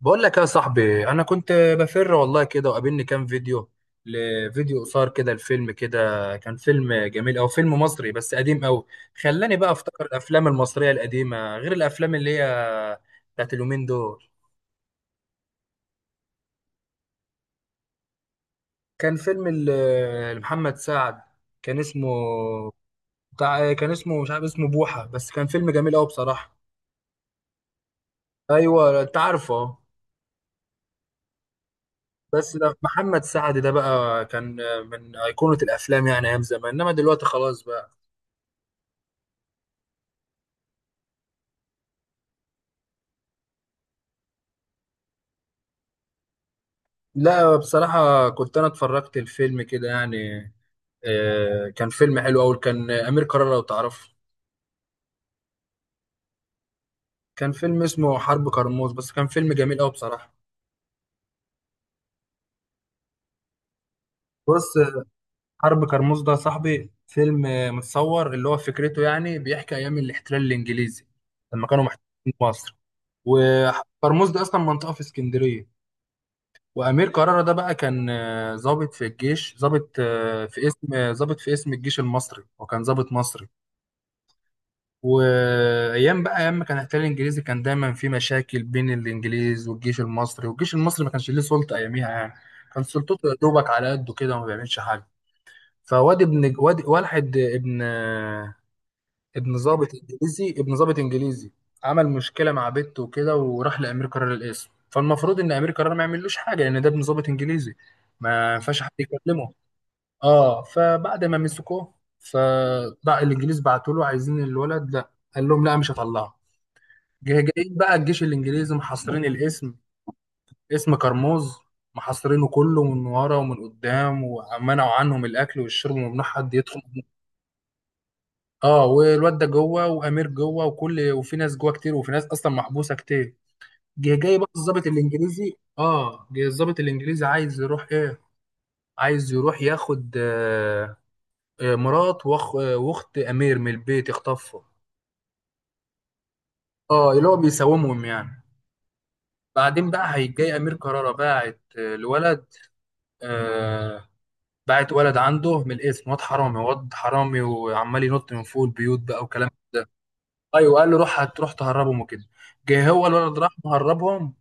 بقول لك يا صاحبي، انا كنت بفر والله كده، وقابلني كام فيديو لفيديو قصار كده. الفيلم كده كان فيلم جميل، او فيلم مصري بس قديم قوي. خلاني بقى افتكر الافلام المصريه القديمه غير الافلام اللي هي بتاعت اليومين دول. كان فيلم لمحمد سعد. كان اسمه بتاع، كان اسمه مش عارف اسمه بوحه، بس كان فيلم جميل قوي بصراحه. ايوه انت عارفه. بس ده محمد سعد ده بقى كان من ايقونه الافلام، يعني ايام زمان، انما دلوقتي خلاص بقى. لا بصراحة كنت أنا اتفرجت الفيلم كده يعني، كان فيلم حلو أوي، كان أمير كرارة لو تعرفه. كان فيلم اسمه حرب كرموز، بس كان فيلم جميل أوي بصراحة. بص، حرب كرموز ده يا صاحبي فيلم متصور اللي هو فكرته يعني، بيحكي أيام الاحتلال الإنجليزي لما كانوا محتلين مصر. وكرموز ده أصلا منطقة في اسكندرية. وأمير كرارة ده بقى كان ضابط في الجيش، ضابط في اسم ضابط في اسم الجيش المصري، وكان ضابط مصري. وايام بقى ايام ما كان الاحتلال الانجليزي، كان دايما في مشاكل بين الانجليز والجيش المصري، والجيش المصري ما كانش ليه سلطه اياميها يعني. كان سلطته يا دوبك على قده كده، وما بيعملش حاجه. فواد ابن واد واحد ابن ابن ضابط انجليزي، ابن ضابط انجليزي عمل مشكله مع بنته وكده، وراح لامير قرار القسم. فالمفروض ان امير قرار ما يعملوش حاجه، لان ده ابن ضابط انجليزي ما ينفعش حد يكلمه. اه، فبعد ما مسكوه، فبقى الانجليز بعتوا له عايزين الولد، لا، قال لهم لا مش هطلعه. جايين بقى الجيش الانجليزي، محاصرين الاسم، اسم كرموز، محاصرينه كله من ورا ومن قدام، ومنعوا عنهم الاكل والشرب، وممنوع حد يدخل. اه، والواد ده جوه، وامير جوه، وكل وفي ناس جوه كتير، وفي ناس اصلا محبوسه كتير. جه جاي بقى الضابط الانجليزي. اه، جه الضابط الانجليزي عايز يروح ايه، عايز يروح ياخد آه، مرات واخ واخت امير من البيت، يخطفها. اه، اللي هو بيساومهم يعني. بعدين بقى هيجي امير كرارة باعت الولد، آه، بعت ولد عنده من الاسم، واد حرامي، واد حرامي، وعمال ينط من فوق البيوت بقى وكلام. ايوه، قال له روح هتروح تهربهم وكده. جه هو الولد راح مهربهم.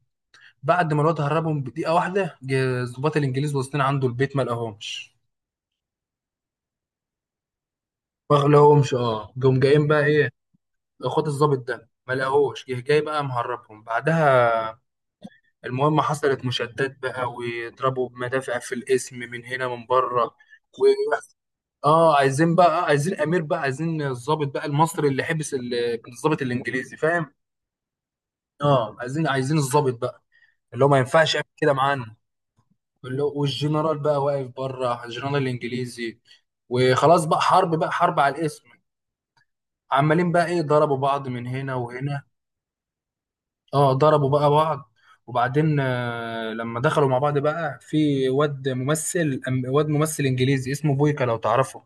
بعد ما الولد هربهم بدقيقه واحده، جه الضباط الانجليز واصلين عنده البيت، ما لقاهمش، ما لقاهمش. اه جم جايين بقى ايه، اخوات الضابط ده ما لقاهوش. جه جاي بقى مهربهم بعدها. المهم، حصلت مشادات بقى، ويضربوا بمدافع في الاسم من هنا من بره. اه، عايزين بقى، عايزين امير بقى، عايزين الضابط بقى المصري اللي حبس الضابط الانجليزي، فاهم؟ اه، عايزين عايزين الضابط بقى، اللي هو ما ينفعش يعمل كده معانا. اللي هو والجنرال بقى واقف بره، الجنرال الانجليزي. وخلاص بقى حرب بقى، حرب على الاسم. عمالين بقى ايه، ضربوا بعض من هنا وهنا. اه، ضربوا بقى بعض. وبعدين لما دخلوا مع بعض بقى، في واد ممثل واد ممثل انجليزي اسمه بويكا لو تعرفه.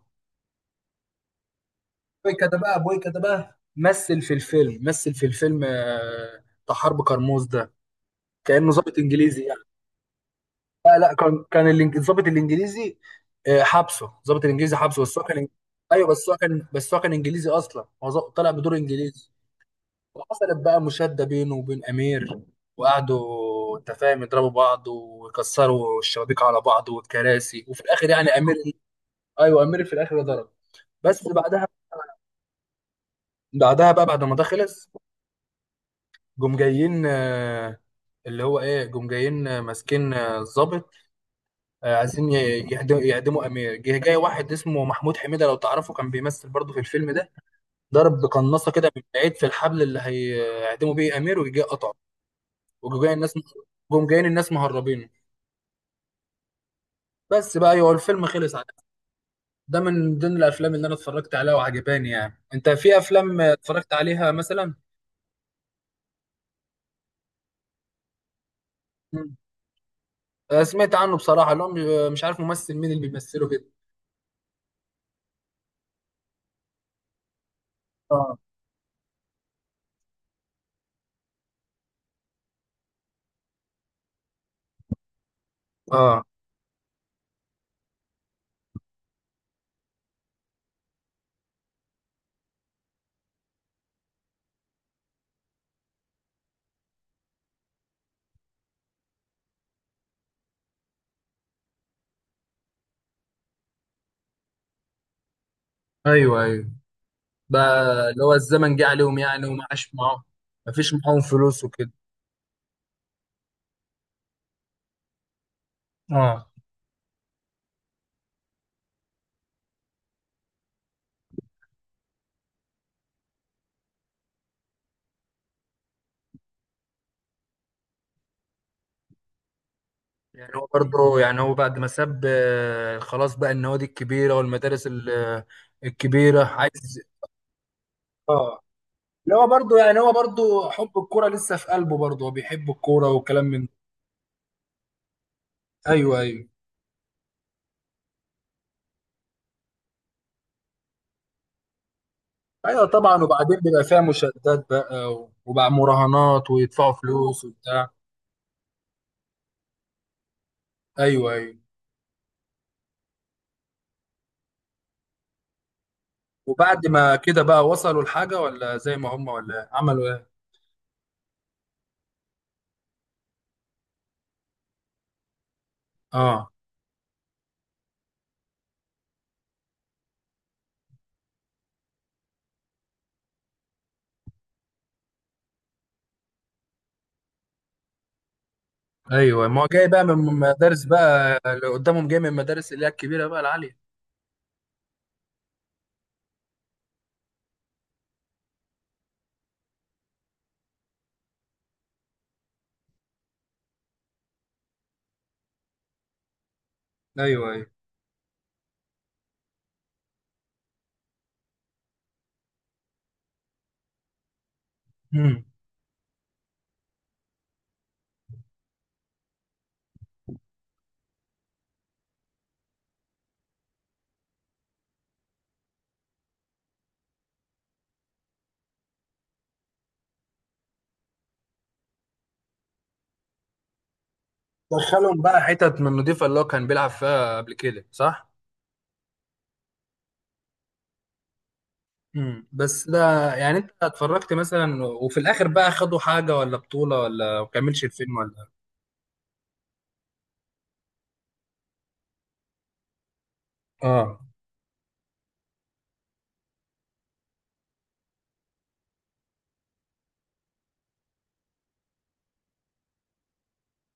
بويكا ده بقى، بويكا ده بقى مثل في الفيلم، مثل في الفيلم بتاع حرب كرموز ده، كأنه ضابط انجليزي يعني. لا لا، كان كان الضابط الانجليزي حبسه، الضابط الانجليزي حبسه، بس هو كان ايوه، بس هو كان، بس هو كان انجليزي اصلا، هو طلع بدور انجليزي. وحصلت بقى مشادة بينه وبين امير. وقعدوا انت فاهم يضربوا بعض ويكسروا الشبابيك على بعض والكراسي، وفي الاخر يعني امير، ايوه امير في الاخر ضرب. بس بعدها، بعدها بقى بعد ما ده خلص، جم جايين اللي هو ايه، جم جايين ماسكين الضابط، عايزين يعدموا امير. جه جاي واحد اسمه محمود حميده لو تعرفه، كان بيمثل برضه في الفيلم ده. ضرب بقناصه كده من بعيد في الحبل اللي هيعدموا بيه امير، وجه جاي قطعه. وجم جايين الناس، جم جايين الناس مهربين. بس بقى ايوه، الفيلم خلص على كده. ده من ضمن الافلام اللي انا اتفرجت عليها وعجباني. يعني انت في افلام اتفرجت عليها مثلا؟ مم. سمعت عنه بصراحه، اللي هو مش مش عارف ممثل مين اللي بيمثله كده. اه، اه. ايوه ايوه. بقى اللي هو الزمن جه عليهم يعني وما عاش معاهم، ما فيش معاهم فلوس وكده. اه، يعني هو برضه، يعني هو بعد ما ساب خلاص بقى النوادي الكبيرة والمدارس الكبيرة عايز. اه، اللي هو برضه يعني، هو برضه حب الكورة لسه في قلبه، برضه هو بيحب الكورة وكلام من. ايوه ايوه. ايوه طبعا، وبعدين بيبقى فيها مشادات بقى وبقى مراهنات ويدفعوا فلوس وبتاع. ايوه ايوه. وبعد ما كده بقى، وصلوا لحاجة ولا زي ما هم ولا عملوا ايه؟ اه، ايوه، ما هو جاي بقى من مدارس بقى اللي قدامهم، جاي من المدارس اللي هي الكبيره بقى العاليه. ايوه ايوه. امم. دخلهم بقى حتت من النضيفه اللي هو كان بيلعب فيها قبل كده، صح؟ امم. بس ده يعني انت اتفرجت مثلا، وفي الاخر بقى خدوا حاجه ولا بطوله، ولا ما كملش الفيلم ولا؟ اه،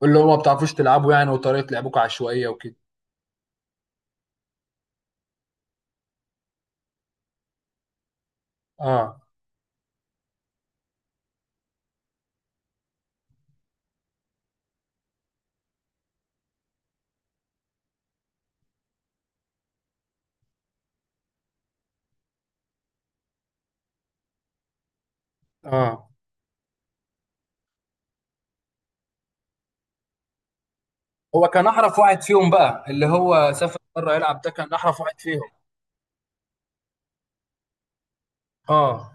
اللي هو ما بتعرفوش تلعبوا يعني، وطريقه لعبكم عشوائيه وكده. اه، اه. هو كان احرف واحد فيهم بقى، اللي هو سافر بره يلعب ده كان احرف واحد فيهم. اه،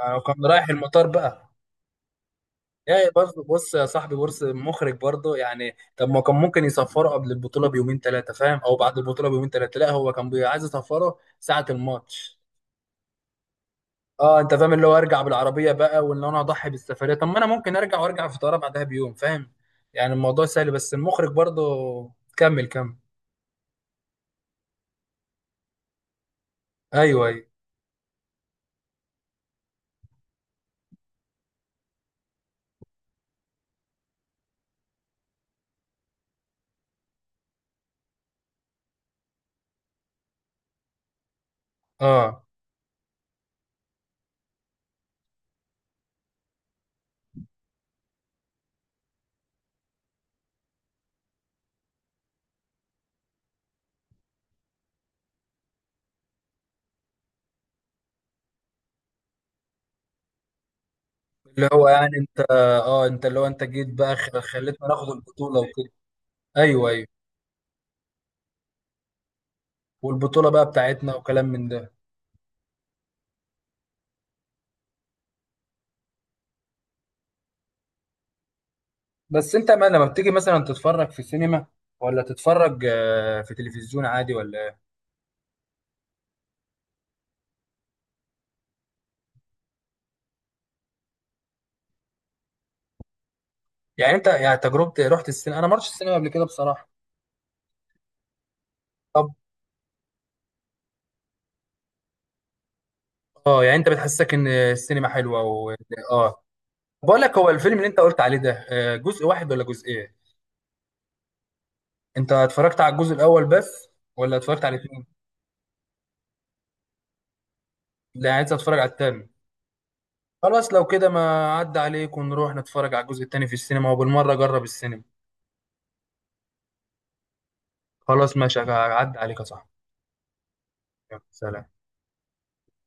يعني كان رايح المطار بقى. يعني برضه بص يا صاحبي، بص، مخرج برضه يعني. طب ما كان ممكن يصفره قبل البطوله بيومين ثلاثه فاهم، او بعد البطوله بيومين ثلاثه، لا هو كان عايز يصفره ساعه الماتش. اه انت فاهم، اللي هو ارجع بالعربيه بقى، وان انا اضحي بالسفريه؟ طب ما انا ممكن ارجع، وارجع في طياره بعدها بيوم فاهم. يعني الموضوع سهل، بس المخرج برضه. كمل كمل. ايوه ايوه. اه، اللي هو يعني انت، اه انت، اللي هو انت جيت بقى خليتنا ناخد البطوله وكده. ايوه ايوه. والبطوله بقى بتاعتنا وكلام من ده. بس انت ما لما بتيجي مثلا تتفرج في السينما، ولا تتفرج في تلفزيون عادي ولا؟ يعني انت يعني تجربة، رحت السينما؟ انا ما رحتش السينما قبل كده بصراحة. طب. اه، يعني انت بتحسسك ان السينما حلوة و. اه. بقول لك، هو الفيلم اللي انت قلت عليه ده جزء واحد ولا جزئين؟ انت اتفرجت على الجزء الاول بس، ولا اتفرجت على الاثنين؟ لا يعني عايز اتفرج على الثاني. خلاص لو كده، ما عدى عليك ونروح نتفرج على الجزء الثاني في السينما، وبالمرة جرب السينما. خلاص ماشي، عدى عليك يا صاحبي. يلا، سلام.